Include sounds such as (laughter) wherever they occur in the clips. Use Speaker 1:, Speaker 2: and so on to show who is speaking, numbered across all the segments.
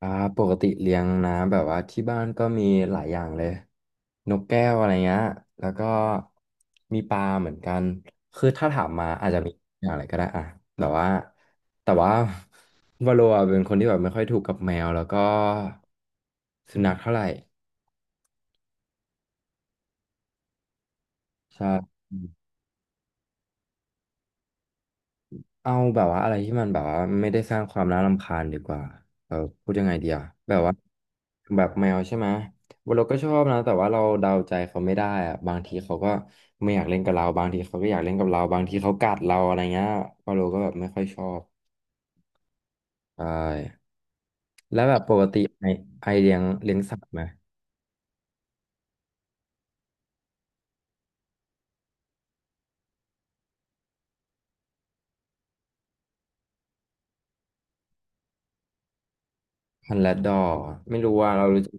Speaker 1: อ่าปกติเลี้ยงนะแบบว่าที่บ้านก็มีหลายอย่างเลยนกแก้วอะไรเงี้ยแล้วก็มีปลาเหมือนกันคือถ้าถามมาอาจจะมีอย่างอะไรก็ได้อ่ะแต่ว่าแต่ว่า (laughs) วาโลอะเป็นคนที่แบบไม่ค่อยถูกกับแมวแล้วก็สุนัขเท่าไหร่ใช่ เอาแบบว่าอะไรที่มันแบบว่าไม่ได้สร้างความน่ารำคาญดีกว่าเออพูดยังไงดีอะแบบว่าแบบแมวใช่ไหมเราก็ชอบนะแต่ว่าเราเดาใจเขาไม่ได้อะบางทีเขาก็ไม่อยากเล่นกับเราบางทีเขาก็อยากเล่นกับเราบางทีเขากัดเราอะไรเงี้ยพอเราก็แบบไม่ค่อยชอบใช่แล้วแบบปกติไอเลี้ยงสัตว์ไหมพันธุ์แรดดอร์ไม่รู้ว่าเรารู้จัก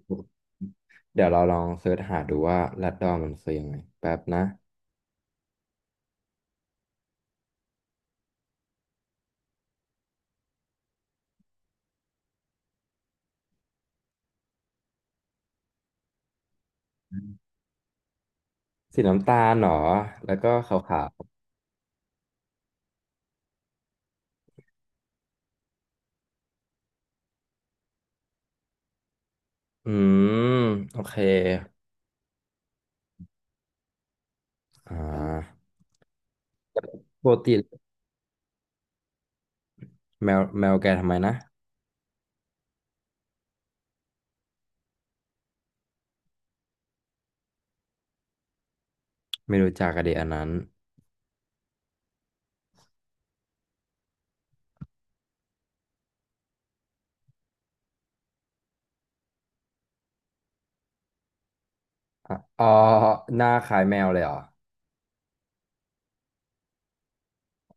Speaker 1: เดี๋ยวเราลองเสิร์ชหาดูว่าแรดดอร์มันคือยังไงแป๊บนะสีน้ำตาลเหรอแล้วก็ขาว อืมโอเคอ่าปกติแมวแมวแกทำไมนะไม่รู้จักกันดีอันนั้นอ๋อหน้าคล้ายแมวเลยเหรอ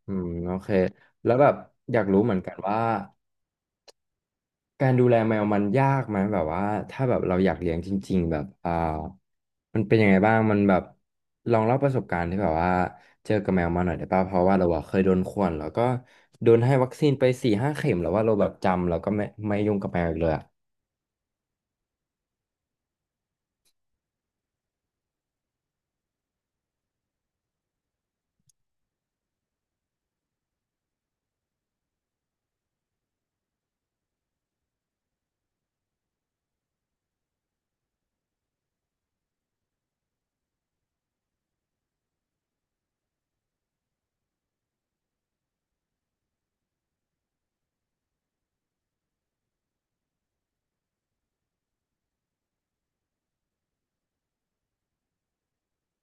Speaker 1: อืมโอเคแล้วแบบอยากรู้เหมือนกันว่าการดูแลแมวมันยากไหมแบบว่าถ้าแบบเราอยากเลี้ยงจริงๆแบบมันเป็นยังไงบ้างมันแบบลองเล่าประสบการณ์ที่แบบว่าเจอกับแมวมาหน่อยได้ป่ะเพราะว่าเราอะเคยโดนข่วนแล้วก็โดนให้วัคซีนไป4-5 เข็มแล้วว่าเราแบบจำแล้วก็ไม่ยุ่งกับแมวอีกเลยอะ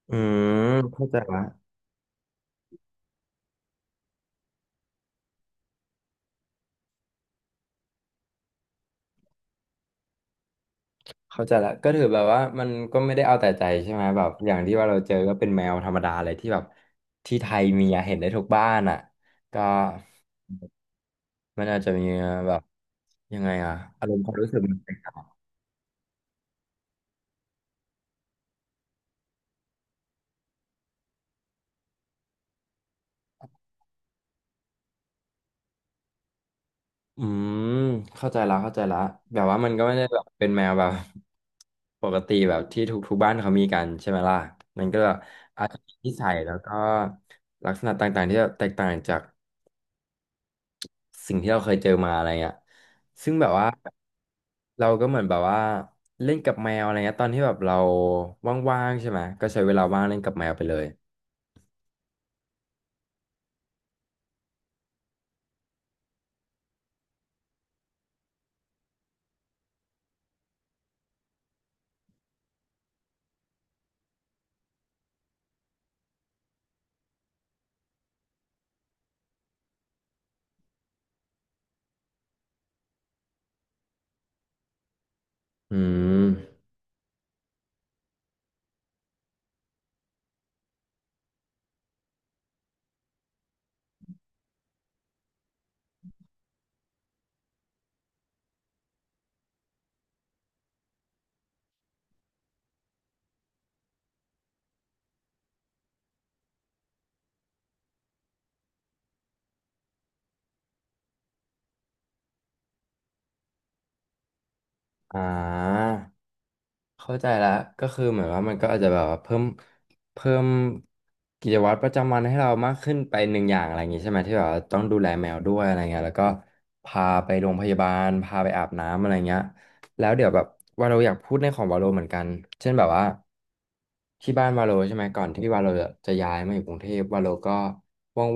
Speaker 1: อืมเข้าใจละ เข้าใจละก็ถือแบบว่ามันก็ไม่ได้เอาแต่ใจใช่ไหมแบบอย่างที่ว่าเราเจอก็เป็นแมวธรรมดาเลยที่แบบที่ไทยมีอะเห็นได้ทุกบ้านอ่ะก็มันอาจจะมีแบบยังไงอ่ะอารมณ์ความรู้สึกมันแตกต่างอืมเข้าใจละเข้าใจละแบบว่ามันก็ไม่ได้แบบเป็นแมวแบบปกติแบบที่ทุกบ้านเขามีกันใช่ไหมล่ะมันก็อาจจะมีนิสัยแล้วก็ลักษณะต่างๆที่แบบแตกต่างจาก สิ่งที่เราเคยเจอมาอะไรเงี้ยซึ่งแบบว่าเราก็เหมือนแบบว่าเล่นกับแมวอะไรเงี้ยตอนที่แบบเราว่างๆใช่ไหมก็ใช้เวลาว่างเล่นกับแมวไปเลยอืมอ่าเข้าใจแล้วก็คือเหมือนว่ามันก็อาจจะแบบว่าเพิ่มกิจวัตรประจำวันให้เรามากขึ้นไปหนึ่งอย่างอะไรอย่างงี้ใช่ไหมที่แบบว่าต้องดูแลแมวด้วยอะไรเงี้ยแล้วก็พาไปโรงพยาบาลพาไปอาบน้ำอะไรเงี้ย แล้วเดี๋ยวแบบวาโลอยากพูดในของวาโลเหมือนกัน เช่นแบบว่าที่บ้านวาโลใช่ไหมก่อนที่วาโลจะย้ายมาอยู่กรุงเทพวาโลก็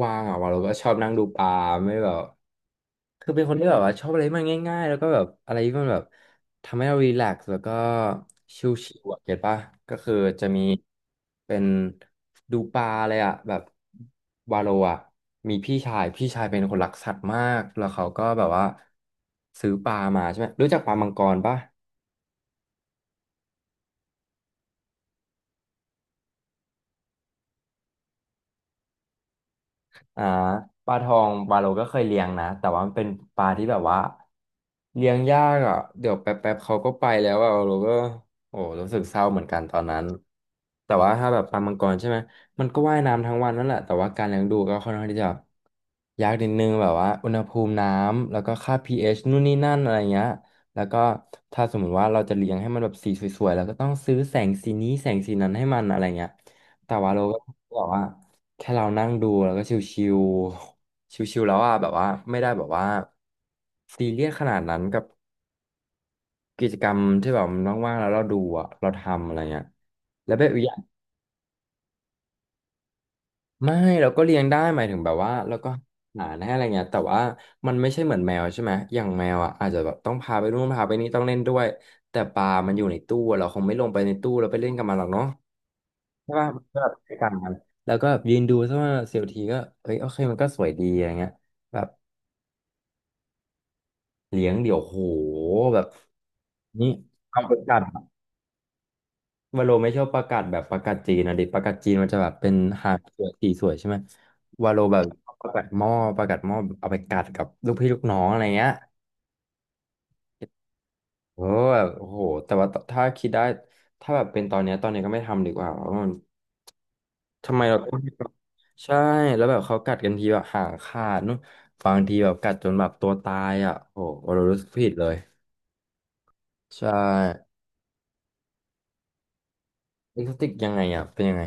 Speaker 1: ว่างๆอ่ะวาโลก็ชอบนั่งดูปลาไม่แบบคือเป็นคนที่แบบว่าชอบอะไรที่มันง่ายๆแล้วก็แบบอะไรที่มันแบบทำให้เรารีแลกซ์แล้วก็ชิลๆอ่ะเก็ตป่ะก็คือจะมีเป็นดูปลาเลยอ่ะแบบ วาโลอ่ะมีพี่ชายพี่ชายเป็นคนรักสัตว์มากแล้วเขาก็แบบว่าซื้อปลามาใช่ไหมรู้จักปลามังกรป่ะ อ่าปลาทองปลาโลก็เคยเลี้ยงนะแต่ว่ามันเป็นปลาที่แบบว่าเลี้ยงยากอ่ะเดี๋ยวแป๊บๆเขาก็ไปแล้วอ่ะเราก็โอ้รู้สึกเศร้าเหมือนกันตอนนั้นแต่ว่าถ้าแบบปลามังกรใช่ไหมมันก็ว่ายน้ำทั้งวันนั่นแหละแต่ว่าการเลี้ยงดูก็ค่อนข้างที่จะยากนิดนึงแบบว่าอุณหภูมิน้ำแล้วก็ค่าพีเอชนู่นนี่นั่นอะไรเงี้ยแล้วก็ถ้าสมมติว่าเราจะเลี้ยงให้มันแบบสีสวยๆแล้วก็ต้องซื้อแสงสีนี้แสงสีนั้นให้มันอะไรเงี้ยแต่ว่าเราก็ (laughs) บอกว่า แค่เรานั่งดูแล้วก็ชิวๆ ชิวๆแล้วอ่ะแบบว่าไม่ได้แบบว่าซีเรียสขนาดนั้นกับกิจกรรมที่แบบมันว่างๆแล้วเราดูอ่ะเราทำอะไรเงี้ยแล้วแบบอกอย่างไม่เราก็เลี้ยงได้หมายถึงแบบว่าเราก็หาให้อะไรเงี้ยแต่ว่ามันไม่ใช่เหมือนแมวใช่ไหมอย่างแมวอ่ะอาจจะแบบต้องพาไปนู่นพาไปนี่ต้องเล่นด้วยแต่ปลามันอยู่ในตู้อะเราคงไม่ลงไปในตู้แล้วไปเล่นกับมันหรอกเนาะใช่ป่ะมันก็แบบใช้การมันแล้วก็แบบยืนดูสักว่าเสียวทีก็เอ้ยโอเคมันก็สวยดีอะไรเงี้ยแบบ เลี้ยงเดี๋ยวโหแบบนี่เอาประกาศวาโลไม่ชอบประกาศแบบประกาศจีนนะดิประกาศจีนมันจะแบบเป็นหางสวยสีสวยใช่ไหมวาโลแบบประกาศหม้อประกาศหม้อเอาไปกัดกับลูกพี่ลูกน้องอะไรเงี้ยเออแบบโอ้โหแต่ว่าถ้าคิดได้ถ้าแบบเป็นตอนเนี้ยตอนเนี้ยก็ไม่ทำดีกว่าเพราะมันทำไมเราต้องใช่แล้วแบบเขากัดกันทีแบบหางขาดนู่นบางทีแบบกัดจนแบบตัวตายอ่ะโอ้โหวาโลรู้สึกผิดเลยใช่เอ็กโซติกยังไงอ่ะเป็นยังไง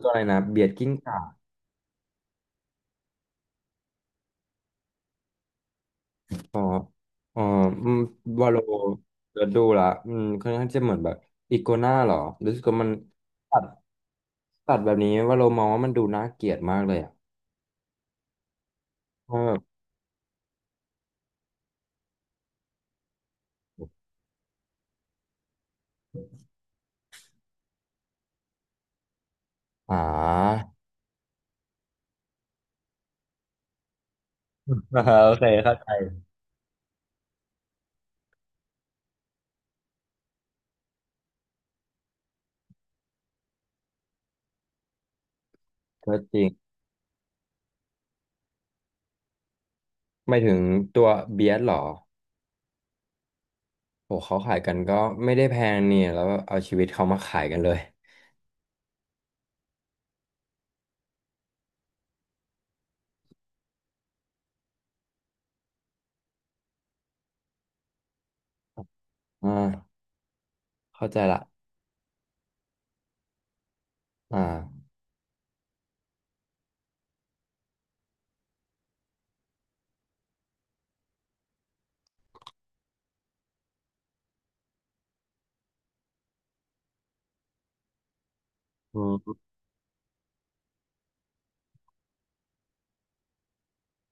Speaker 1: ตัวอะไรนะเบียดกิ้งก่าอ๋ออ๋ออืมวาโลเดี๋ยวดูละอืมค่อนข้างจะเหมือนแบบอีโกนาหรอรู้สึกว่ามันตัดตัดแบบนี้วาโลมองว่ามันดูน่าเกลียดมากเลยอ่ะเพราะแบบอ่า(laughs) โอเคเข้าใจก็จริงไม่ถึงตัวเบียดหรอโหเขาขายกันก็ไม่ได้แพงเนี่ยแล้วเอาชีวิตเขามาขายกันเลยอ่าเข้าใจละอ่า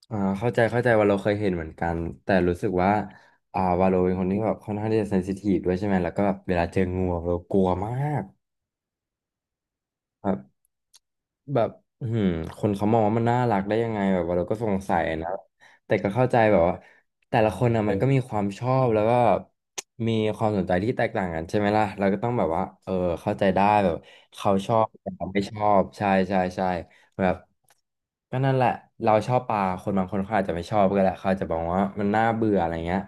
Speaker 1: อ่าเข้าใจเข้าใจว่าเราเคยเห็นเหมือนกันแต่รู้สึกว่าวาโลเป็นคนที่แบบค่อนข้างที่จะเซนซิทีฟด้วยใช่ไหมแล้วก็แบบเวลาเจองูอะเรากลัวมาก แบบอืมคนเขามองว่ามันน่ารักได้ยังไงแบบว่าเราก็สงสัยนะแต่ก็เข้าใจแบบว่าแต่ละคนนะมันก็มีความชอบแล้วก็มีความสนใจที่แตกต่างกันใช่ไหมล่ะเราก็ต้องแบบว่าเออเข้าใจได้แบบเขาชอบแต่เราไม่ชอบใช่ใช่ใช่แบบก็นั่นแหละเราชอบปลาคนบางคนเขาอาจจะไม่ชอบก็ได้เขาอาจจะบอกว่ามันน่าเบื่ออะไรเงี้ย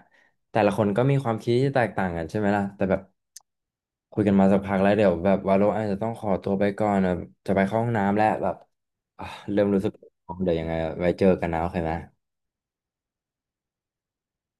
Speaker 1: แต่ละคนก็มีความคิดที่แตกต่างกันใช่ไหมล่ะแต่แบบคุยกันมาสักพักแล้วเดี๋ยวแบบวาโลอาจจะต้องขอตัวไปก่อนนะจะไปเข้าห้องน้ำแล้วแบบอ่ะเริ่มรู้สึกเดี๋ยวยังไงไว้เจอกันนะโอเคไหม